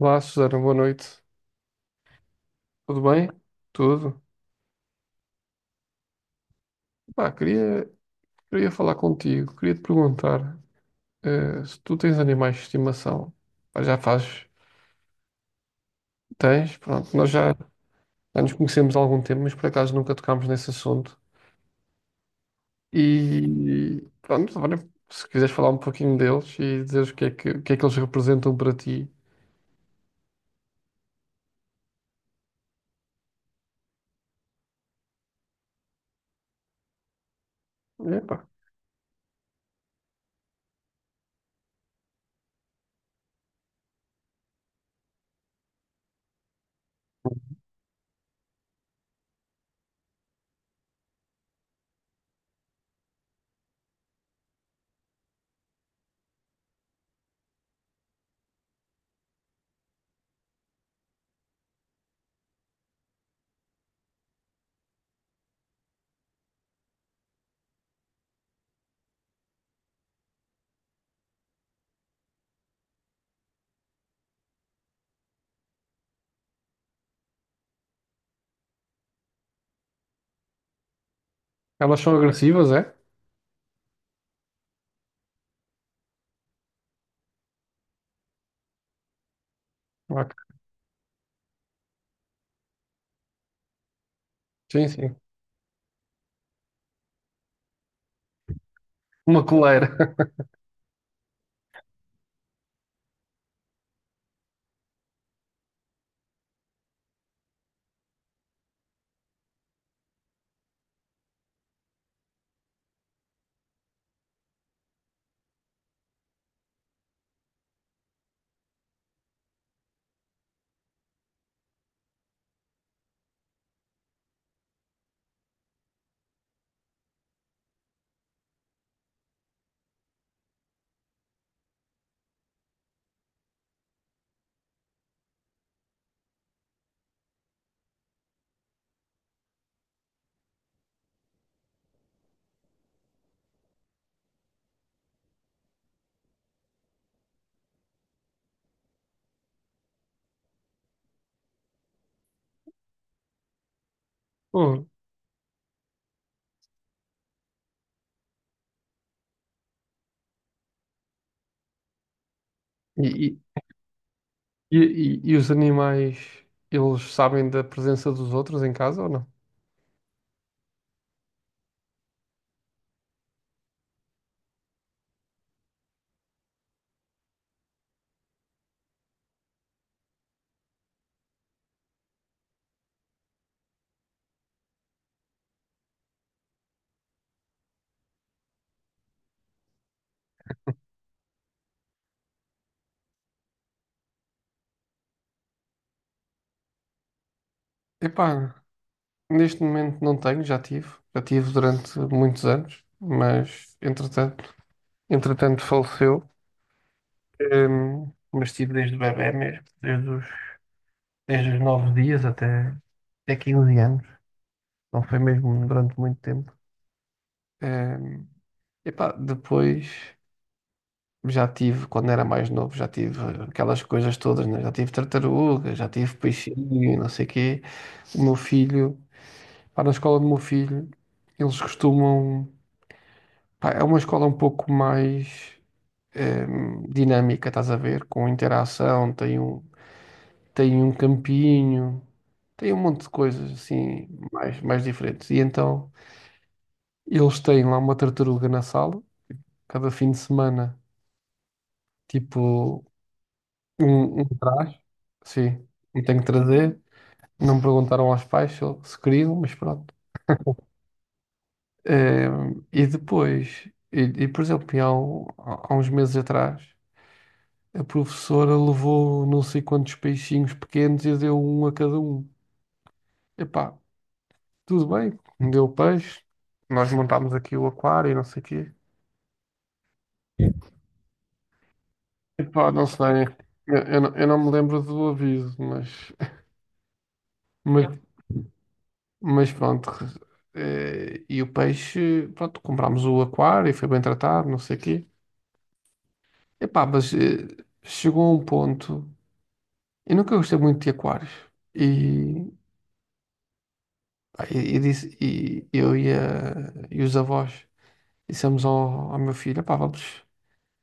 Olá, Susana, boa noite. Tudo bem? Tudo? Pá, queria falar contigo, queria te perguntar se tu tens animais de estimação. Pá, já fazes? Tens? Pronto, nós já nos conhecemos há algum tempo, mas por acaso nunca tocámos nesse assunto. E pronto, agora, se quiseres falar um pouquinho deles e dizer o que é que eles representam para ti. Epá, elas são agressivas, é? Ok. Sim, sim. Uma coleira. Pô, E, e- E, e os animais, eles sabem da presença dos outros em casa ou não? Epá, neste momento não tenho, já tive. Já tive durante muitos anos, mas entretanto faleceu. Mas tive desde bebé mesmo, desde os 9 dias até 15 anos. Não foi mesmo durante muito tempo. Hum, epá, depois. Já tive, quando era mais novo, já tive aquelas coisas todas, né? Já tive tartaruga, já tive peixinho, e não sei o quê. O meu filho, pá, na escola do meu filho, eles costumam. Pá, é uma escola um pouco mais dinâmica, estás a ver? Com interação, tem um campinho, tem um monte de coisas assim, mais diferentes. E então, eles têm lá uma tartaruga na sala, cada fim de semana, tipo, um traje, sim, e tenho que trazer. Não perguntaram aos pais se queriam, mas pronto. Eh, e depois, por exemplo, há uns meses atrás, a professora levou não sei quantos peixinhos pequenos e deu um a cada um. Epá, tudo bem, deu peixe, nós montámos aqui o aquário e não sei o quê. Epá, não sei, eu não me lembro do aviso, mas, mas Mas pronto, e o peixe, pronto, comprámos o aquário e foi bem tratado, não sei o quê. Epá, mas chegou a um ponto, eu nunca gostei muito de aquários. E, pá, e disse, e eu e, a- e os avós dissemos ao meu filho, epá, vamos,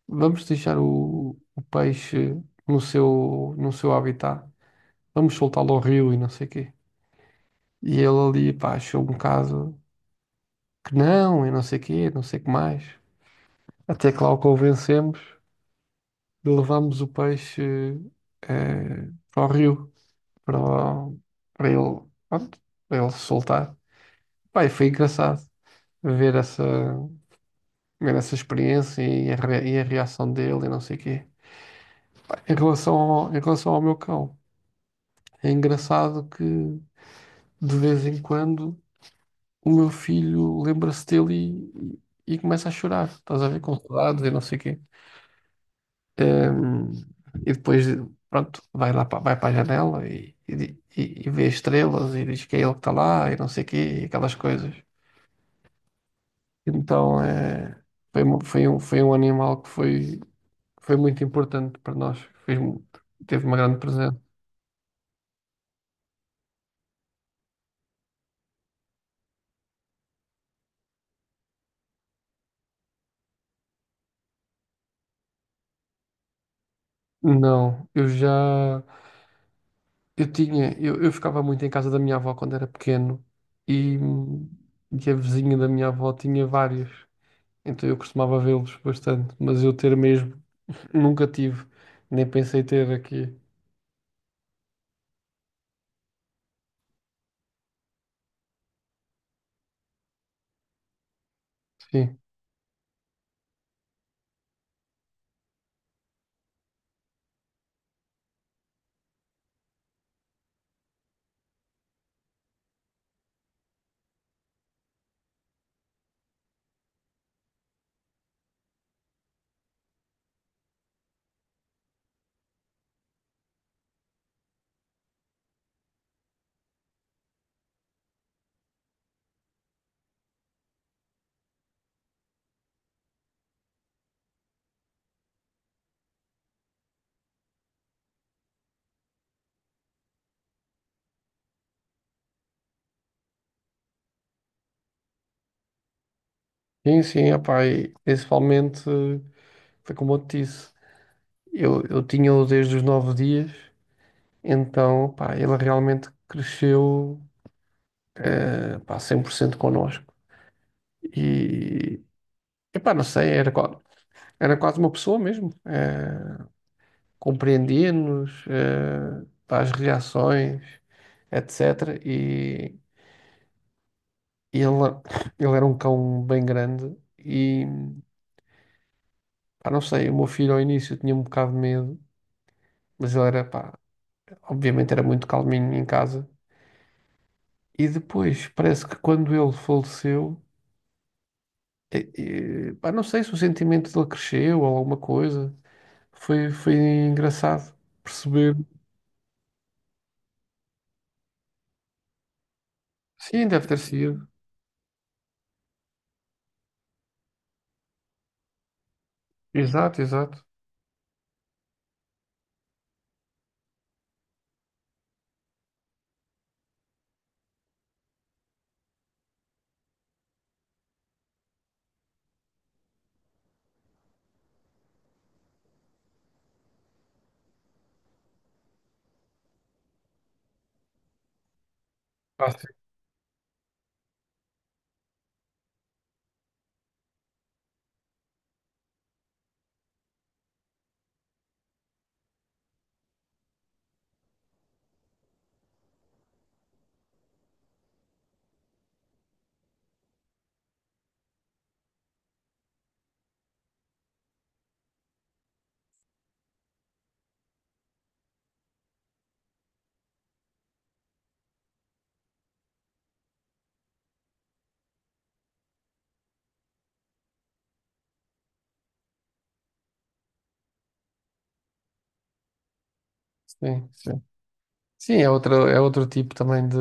vamos deixar o peixe no seu habitat, vamos soltá-lo ao rio e não sei o quê. E ele ali, pá, achou um bocado que não, e não sei o quê, não sei o que mais. Até que lá o convencemos. Levámos o peixe para o rio, para, o- para ele, pronto, para ele se soltar. Pai, foi engraçado ver essa, ver essa experiência e a reação dele e não sei o quê. Em relação ao meu cão, é engraçado que de vez em quando o meu filho lembra-se dele e, e começa a chorar. Estás a ver, com saudades e não sei o quê. Hum, e depois, pronto, vai para a janela e, e vê estrelas e diz que é ele que está lá e não sei o quê, e aquelas coisas. Então, foi um animal que foi muito importante para nós, fez, mu- teve uma grande presença. Não, eu já, eu tinha, eu ficava muito em casa da minha avó quando era pequeno e, e a vizinha da minha avó tinha vários. Então eu costumava vê-los bastante, mas eu ter mesmo nunca tive, nem pensei ter aqui. Sim, sim, sim, opá, e principalmente foi como eu te disse, eu tinha-o desde os 9 dias, então pá, ele realmente cresceu, pá, 100% connosco. E epá, não sei, era quase uma pessoa mesmo, compreendia-nos, pá, as reações etc. E E ele, ele era um cão bem grande e, pá, não sei, o meu filho ao início tinha um bocado de medo, mas ele era, pá, obviamente era muito calminho em casa. E depois, parece que quando ele faleceu, eh, pá, não sei se o sentimento dele cresceu ou alguma coisa, foi engraçado perceber. Sim, deve ter sido. Exato, exato. Ah, sim, sim. Sim, sim, é outro tipo também de,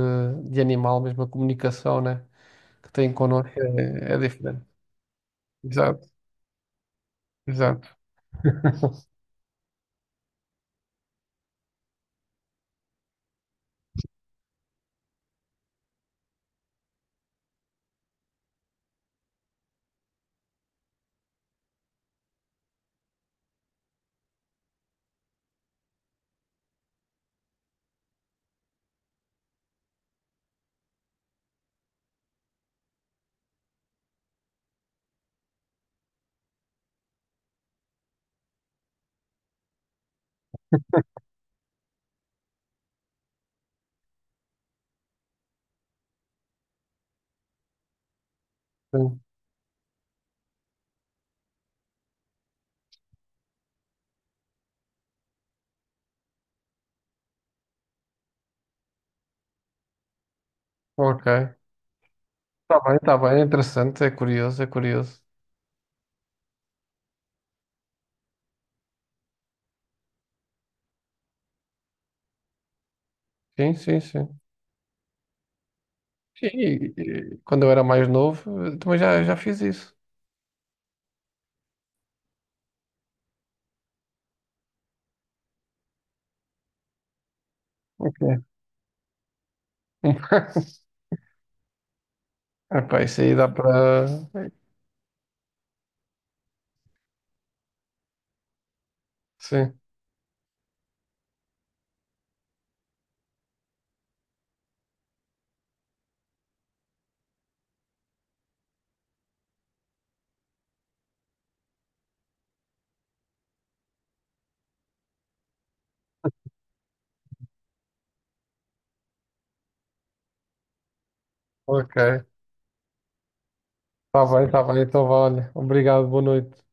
de animal, mesmo a comunicação, né, que tem connosco é diferente. Exato. Exato. Sim. Ok. Está bem, está bem. É interessante, é curioso, é curioso. Sim, sim, sim. Sim, e quando eu era mais novo, eu também já fiz isso. Ok. Epá, isso aí dá para. Sim. Ok. Está bem, está bem. Então, vá, olha. Obrigado, boa noite.